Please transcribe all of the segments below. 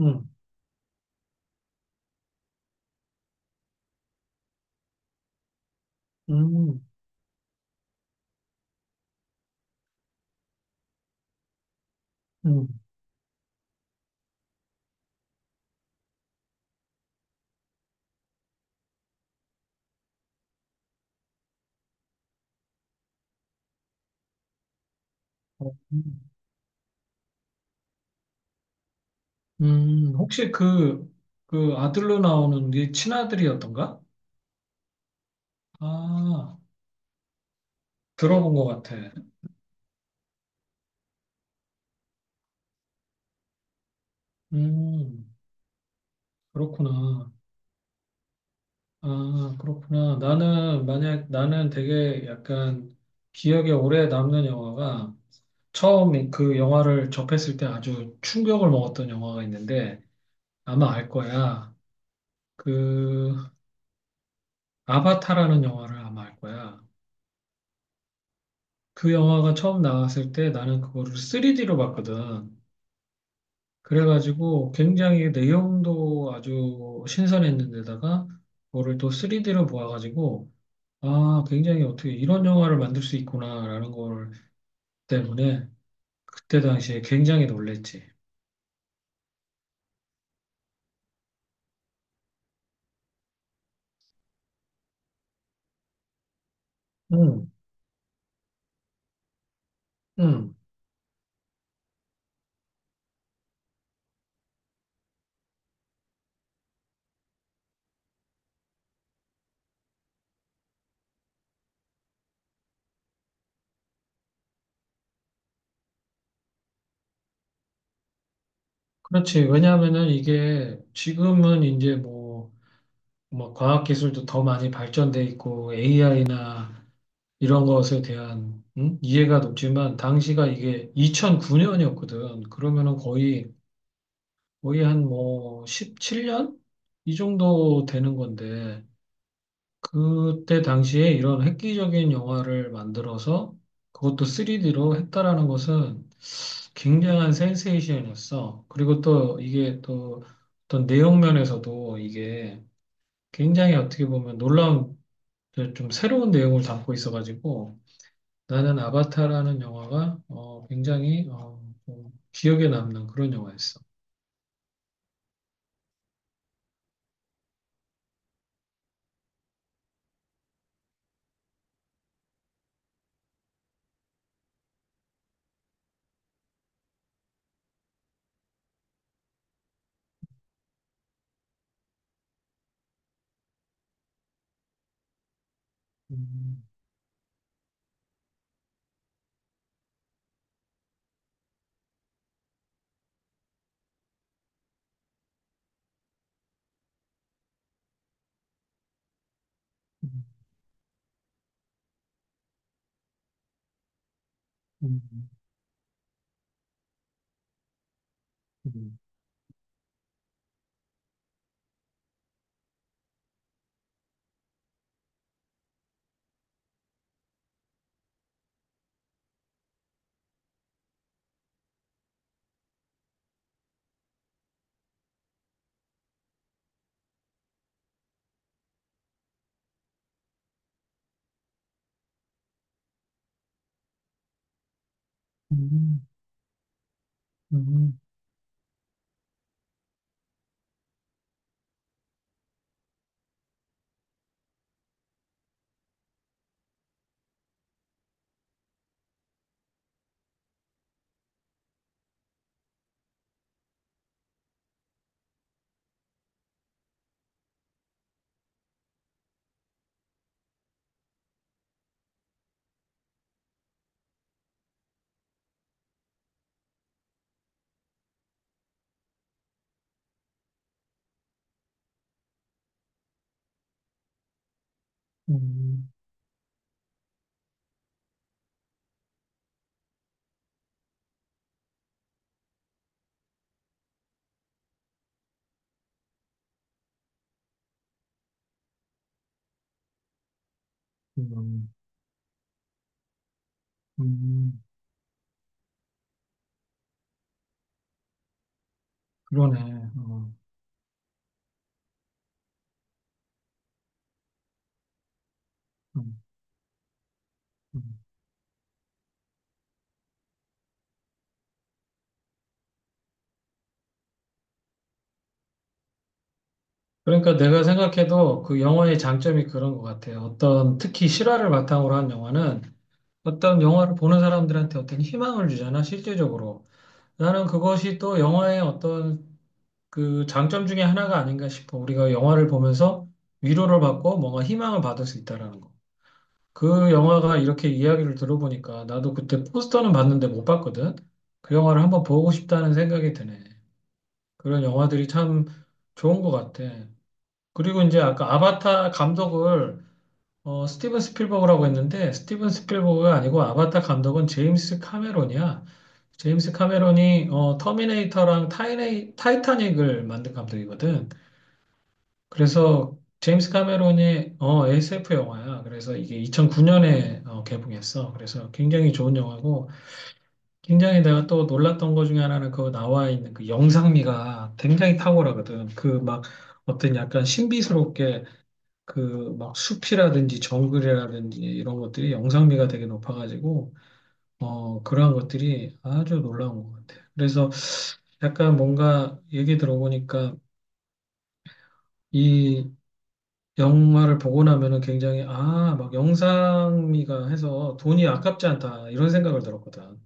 음, 음, 음, 음, 혹시 그 아들로 나오는 네 친아들이었던가? 아, 들어본 것 같아. 음, 그렇구나. 아, 그렇구나. 나는 되게 약간 기억에 오래 남는 영화가 처음 그 영화를 접했을 때 아주 충격을 먹었던 영화가 있는데 아마 알 거야. 그, 아바타라는 영화를 아마 알 거야. 그 영화가 처음 나왔을 때 나는 그거를 3D로 봤거든. 그래가지고 굉장히 내용도 아주 신선했는데다가 그거를 또 3D로 보아가지고 아, 굉장히 어떻게 이런 영화를 만들 수 있구나라는 걸 때문에 그때 당시에 굉장히 놀랬지. 응, 응, 그렇지. 왜냐하면은 이게 지금은 이제 뭐 과학기술도 더 많이 발전돼 있고 AI나 이런 것에 대한 이해가 높지만 당시가 이게 2009년이었거든. 그러면은 거의 한 17년 이 정도 되는 건데 그때 당시에 이런 획기적인 영화를 만들어서 그것도 3D로 했다라는 것은 굉장한 센세이션이었어. 그리고 또 이게 또 어떤 내용 면에서도 이게 굉장히 어떻게 보면 놀라운 좀 새로운 내용을 담고 있어가지고 나는 아바타라는 영화가 굉장히 좀 기억에 남는 그런 영화였어. 음, 음, 음, 음, 음, 음, 음, 음, 음. 그러네. 어, 음, 음. 그러니까 내가 생각해도 그 영화의 장점이 그런 것 같아요. 어떤 특히 실화를 바탕으로 한 영화는 어떤 영화를 보는 사람들한테 어떤 희망을 주잖아, 실제적으로. 나는 그것이 또 영화의 어떤 그 장점 중에 하나가 아닌가 싶어. 우리가 영화를 보면서 위로를 받고 뭔가 희망을 받을 수 있다라는 거. 그 영화가 이렇게 이야기를 들어보니까 나도 그때 포스터는 봤는데 못 봤거든. 그 영화를 한번 보고 싶다는 생각이 드네. 그런 영화들이 참 좋은 것 같아. 그리고 이제 아까 아바타 감독을 스티븐 스필버그라고 했는데 스티븐 스필버그가 아니고 아바타 감독은 제임스 카메론이야. 제임스 카메론이 터미네이터랑 타이타닉을 만든 감독이거든. 그래서 제임스 카메론이 SF 영화야. 그래서 이게 2009년에 개봉했어. 그래서 굉장히 좋은 영화고 굉장히 내가 또 놀랐던 것 중에 하나는 그 나와 있는 그 영상미가 굉장히 탁월하거든. 그 막 어떤 약간 신비스럽게 그 막 숲이라든지 정글이라든지 이런 것들이 영상미가 되게 높아가지고 그러한 것들이 아주 놀라운 것 같아. 그래서 약간 뭔가 얘기 들어보니까 이 영화를 보고 나면은 굉장히 아, 막 영상미가 해서 돈이 아깝지 않다 이런 생각을 들었거든.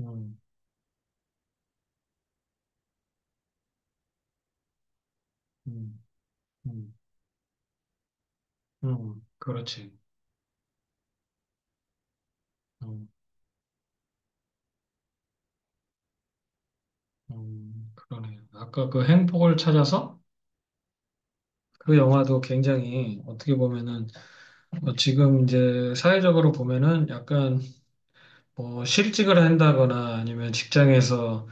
음, 음, 음, 그렇지. 음, 그러네. 아까 그 행복을 찾아서 그 영화도 굉장히 어떻게 보면은 지금 이제 사회적으로 보면은 약간 뭐 실직을 한다거나 아니면 직장에서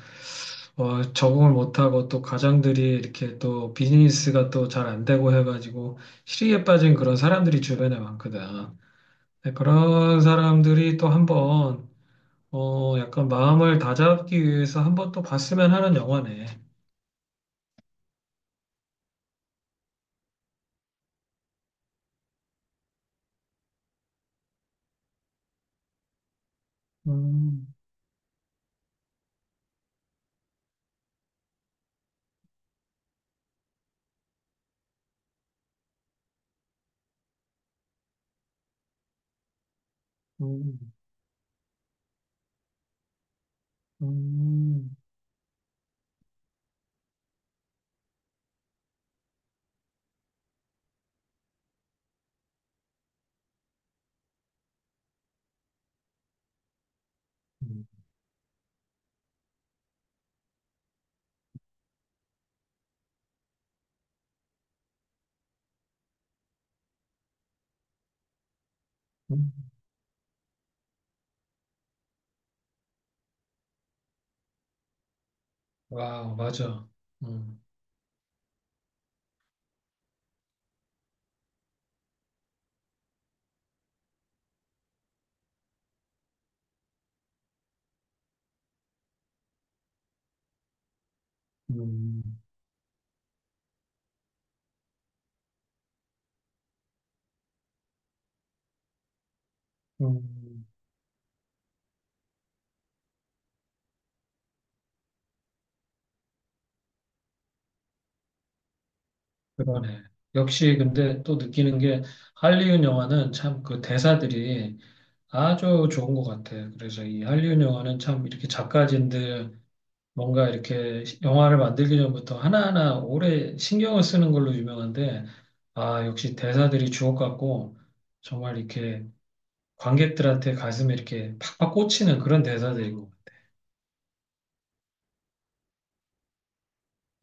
적응을 못하고 또 가장들이 이렇게 또 비즈니스가 또 잘 안 되고 해가지고 실의에 빠진 그런 사람들이 주변에 많거든. 근데 그런 사람들이 또 한번 약간 마음을 다잡기 위해서 한번 또 봤으면 하는 영화네. 음, 음, 음, 음, 음. 와우, 맞아. 음, 음, 음, 그러네. 역시 근데 또 느끼는 게 할리우드 영화는 참 그 대사들이 아주 좋은 것 같아요. 그래서 이 한류 영화는 참 이렇게 작가진들 뭔가 이렇게 영화를 만들기 전부터 하나하나 오래 신경을 쓰는 걸로 유명한데, 아, 역시 대사들이 주옥 같고, 정말 이렇게 관객들한테 가슴에 이렇게 팍팍 꽂히는 그런 대사들인 것 같아요.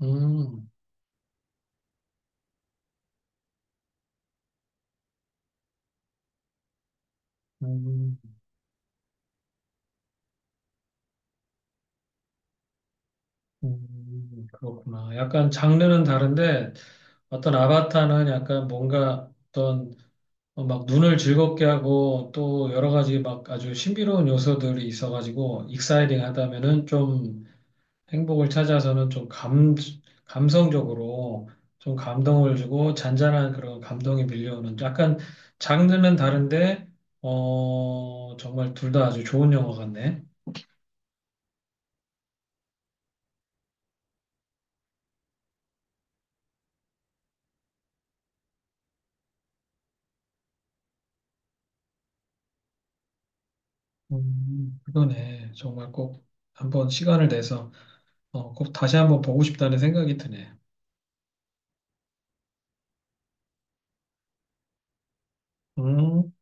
음, 음, 그렇구나. 약간 장르는 다른데, 어떤 아바타는 약간 뭔가 어떤 막 눈을 즐겁게 하고 또 여러 가지 막 아주 신비로운 요소들이 있어가지고 익사이딩 하다면은 좀 행복을 찾아서는 좀 감성적으로 좀 감동을 주고 잔잔한 그런 감동이 밀려오는 약간 장르는 다른데 정말 둘 다 아주 좋은 영화 같네. 그러네 정말 꼭 한번 시간을 내서 꼭 다시 한번 보고 싶다는 생각이 드네. 음.